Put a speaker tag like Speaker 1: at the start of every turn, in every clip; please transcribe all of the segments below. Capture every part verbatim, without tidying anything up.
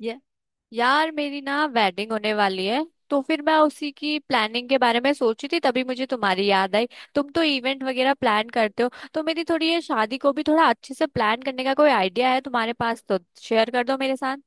Speaker 1: ये यार मेरी ना वेडिंग होने वाली है। तो फिर मैं उसी की प्लानिंग के बारे में सोची थी तभी मुझे तुम्हारी याद आई। तुम तो इवेंट वगैरह प्लान करते हो तो मेरी थोड़ी ये शादी को भी थोड़ा अच्छे से प्लान करने का कोई आइडिया है तुम्हारे पास तो शेयर कर दो मेरे साथ।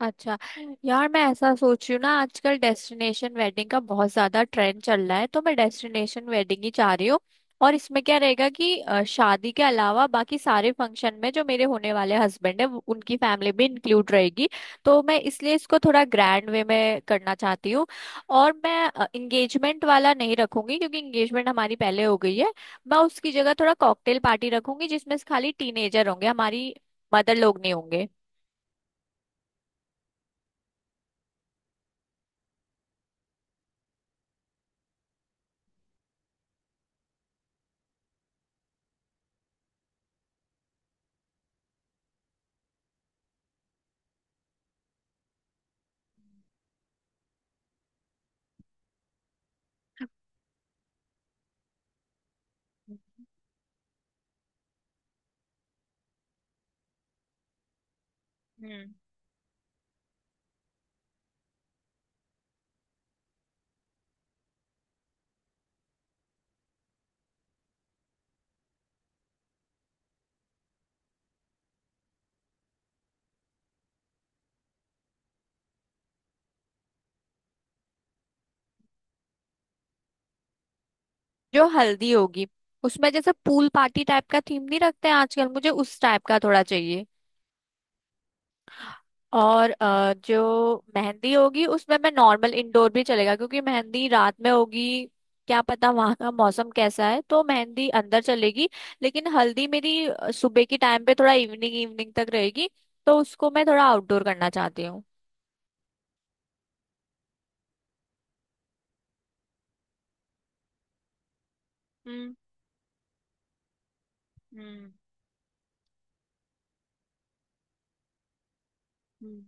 Speaker 1: अच्छा, यार मैं ऐसा सोच रही हूँ ना, आजकल डेस्टिनेशन वेडिंग का बहुत ज्यादा ट्रेंड चल रहा है तो मैं डेस्टिनेशन वेडिंग ही चाह रही हूँ। और इसमें क्या रहेगा कि अ, शादी के अलावा बाकी सारे फंक्शन में जो मेरे होने वाले हस्बैंड है उनकी फैमिली भी इंक्लूड रहेगी। तो मैं इसलिए इसको थोड़ा ग्रैंड वे में करना चाहती हूँ। और मैं इंगेजमेंट वाला नहीं रखूंगी क्योंकि इंगेजमेंट हमारी पहले हो गई है। मैं उसकी जगह थोड़ा कॉकटेल पार्टी रखूंगी जिसमें खाली टीनेजर होंगे, हमारी मदर लोग नहीं होंगे। हम्म। जो हल्दी होगी उसमें जैसे पूल पार्टी टाइप का थीम नहीं रखते हैं आजकल, मुझे उस टाइप का थोड़ा चाहिए। और अ, जो मेहंदी होगी उसमें मैं नॉर्मल इंडोर भी चलेगा क्योंकि मेहंदी रात में होगी। क्या पता वहां का मौसम कैसा है, तो मेहंदी अंदर चलेगी। लेकिन हल्दी मेरी अ, सुबह के टाइम पे थोड़ा इवनिंग इवनिंग तक रहेगी। तो उसको मैं थोड़ा आउटडोर करना चाहती हूँ। हम्म। हम्म। हम्म।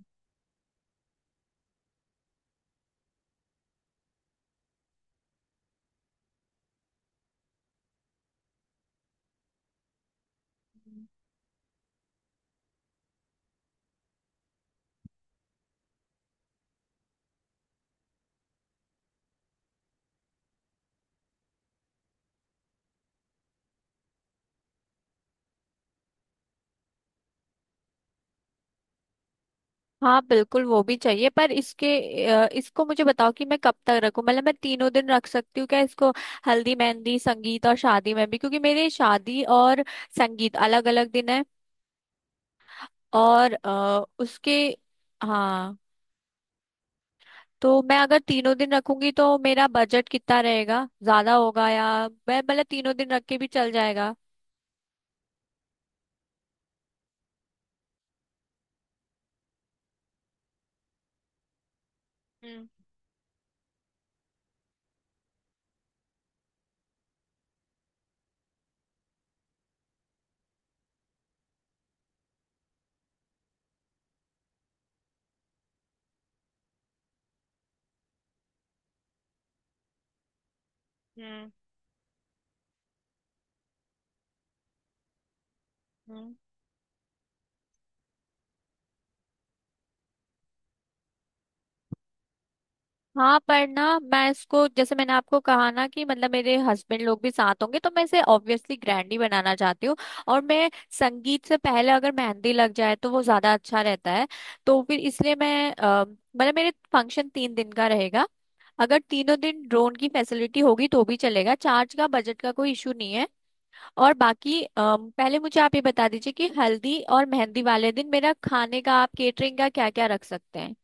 Speaker 1: हाँ बिल्कुल वो भी चाहिए, पर इसके अ, इसको मुझे बताओ कि मैं कब तक रखूं, मतलब मैं तीनों दिन रख सकती हूँ क्या इसको। हल्दी मेहंदी संगीत और शादी में भी, क्योंकि मेरे शादी और संगीत अलग अलग दिन है। और अ, उसके हाँ, तो मैं अगर तीनों दिन रखूंगी तो मेरा बजट कितना रहेगा, ज्यादा होगा या मैं मतलब तीनों दिन रख के भी चल जाएगा। हम्म। हम्म। हम्म। हाँ पर ना मैं इसको, जैसे मैंने आपको कहा ना कि मतलब मेरे हस्बैंड लोग भी साथ होंगे तो मैं इसे ऑब्वियसली ग्रैंड ही बनाना चाहती हूँ। और मैं संगीत से पहले अगर मेहंदी लग जाए तो वो ज्यादा अच्छा रहता है। तो फिर इसलिए मैं अ, मतलब मेरे फंक्शन तीन दिन का रहेगा। अगर तीनों दिन ड्रोन की फैसिलिटी होगी तो भी चलेगा, चार्ज का बजट का कोई इशू नहीं है। और बाकी अ, पहले मुझे आप ये बता दीजिए कि हल्दी और मेहंदी वाले दिन मेरा खाने का आप केटरिंग का क्या क्या रख सकते हैं।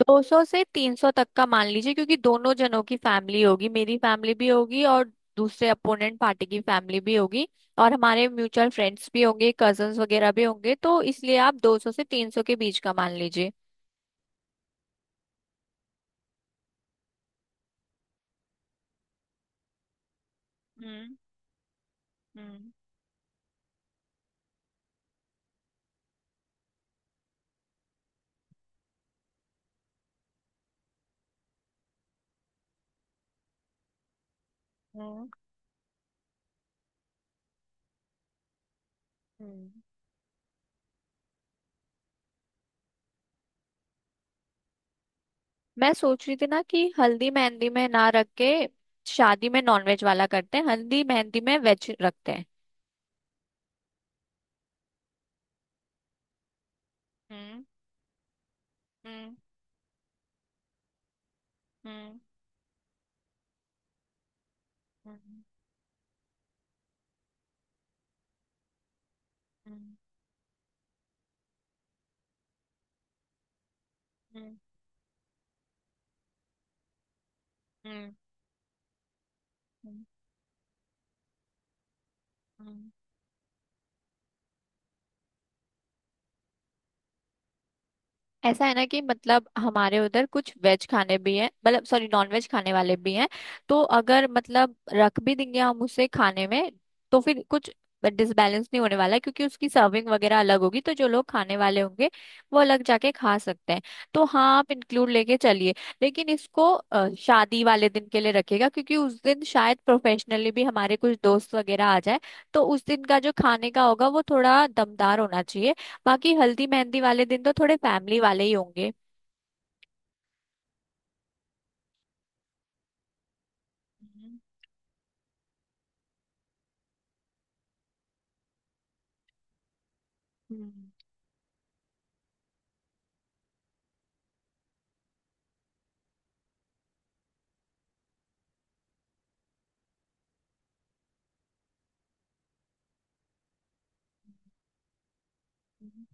Speaker 1: दो सौ से तीन सौ तक का मान लीजिए, क्योंकि दोनों जनों की फैमिली होगी, मेरी फैमिली भी होगी और दूसरे अपोनेंट पार्टी की फैमिली भी होगी। और हमारे म्यूचुअल फ्रेंड्स भी होंगे, कजन्स वगैरह भी होंगे, तो इसलिए आप दो सौ से तीन सौ के बीच का मान लीजिए। हम्म। हम्म। हम्म। हम्म। मैं सोच रही थी ना कि हल्दी मेहंदी में ना रख के शादी में नॉनवेज वाला करते हैं, हल्दी मेहंदी में वेज रखते हैं। हम्म। हम्म। हम्म। हम्म। हम्म। हम्म। हम्म। हम्म, हम्म। ऐसा है ना कि मतलब हमारे उधर कुछ वेज खाने भी हैं, मतलब सॉरी नॉन वेज खाने वाले भी हैं। तो अगर मतलब रख भी देंगे हम उसे खाने में, तो फिर कुछ डिसबैलेंस नहीं होने वाला है, क्योंकि उसकी सर्विंग वगैरह अलग होगी तो जो लोग खाने वाले होंगे वो अलग जाके खा सकते हैं। तो हाँ आप इंक्लूड लेके चलिए। लेकिन इसको अ, शादी वाले दिन के लिए रखिएगा क्योंकि उस दिन शायद प्रोफेशनली भी हमारे कुछ दोस्त वगैरह आ जाए। तो उस दिन का जो खाने का होगा वो थोड़ा दमदार होना चाहिए। बाकी हल्दी मेहंदी वाले दिन तो थोड़े फैमिली वाले ही होंगे। हम्म, हम्म। हम्म।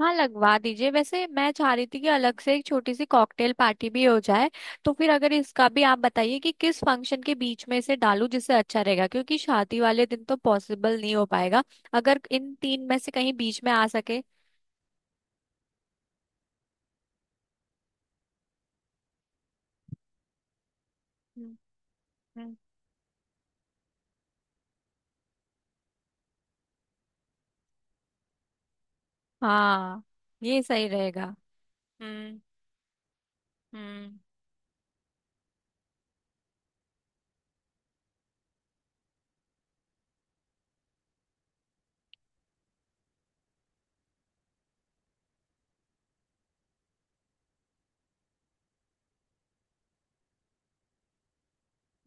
Speaker 1: हाँ लगवा दीजिए। वैसे मैं चाह रही थी कि अलग से एक छोटी सी कॉकटेल पार्टी भी हो जाए। तो फिर अगर इसका भी आप बताइए कि किस फंक्शन के बीच में इसे डालूं जिससे अच्छा रहेगा, क्योंकि शादी वाले दिन तो पॉसिबल नहीं हो पाएगा। अगर इन तीन में से कहीं बीच में आ सके। हम्म, हम्म। हाँ, ये सही रहेगा। हम्म, हम्म।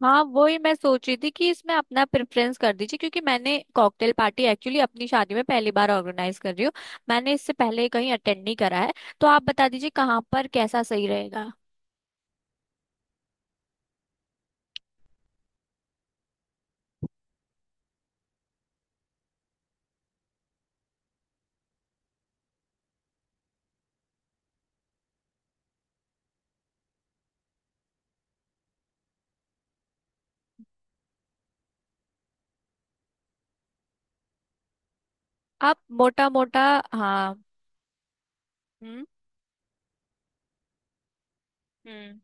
Speaker 1: हाँ, वही मैं सोच रही थी कि इसमें अपना प्रेफरेंस कर दीजिए, क्योंकि मैंने कॉकटेल पार्टी एक्चुअली अपनी शादी में पहली बार ऑर्गेनाइज कर रही हूँ। मैंने इससे पहले कहीं अटेंड नहीं करा है। तो आप बता दीजिए कहाँ पर कैसा सही रहेगा। आप मोटा मोटा, हाँ, हम्म। हम्म।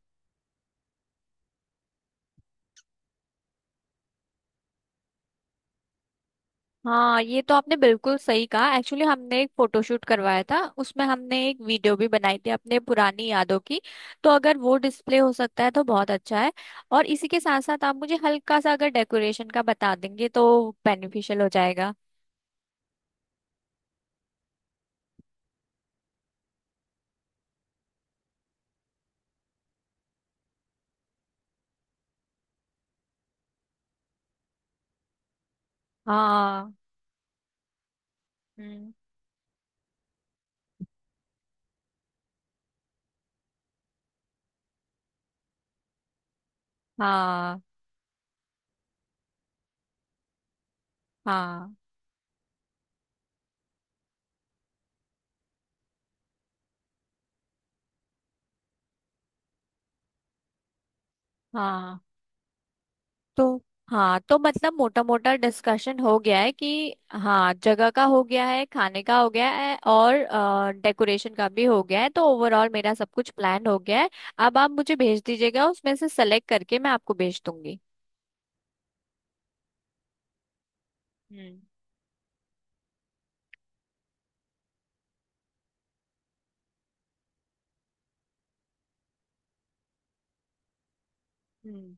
Speaker 1: हाँ ये तो आपने बिल्कुल सही कहा। एक्चुअली हमने एक फोटोशूट करवाया था उसमें हमने एक वीडियो भी बनाई थी अपने पुरानी यादों की। तो अगर वो डिस्प्ले हो सकता है तो बहुत अच्छा है। और इसी के साथ साथ आप मुझे हल्का सा अगर डेकोरेशन का बता देंगे तो बेनिफिशियल हो जाएगा। हाँ। हम्म। हाँ। हाँ। हाँ। तो हाँ तो मतलब मोटा मोटा डिस्कशन हो गया है कि हाँ, जगह का हो गया है, खाने का हो गया है और डेकोरेशन का भी हो गया है, तो ओवरऑल मेरा सब कुछ प्लान हो गया है। अब आप मुझे भेज दीजिएगा उसमें से सेलेक्ट करके मैं आपको भेज दूंगी। हम्म। हम्म।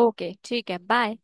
Speaker 1: ओके, ठीक है, बाय।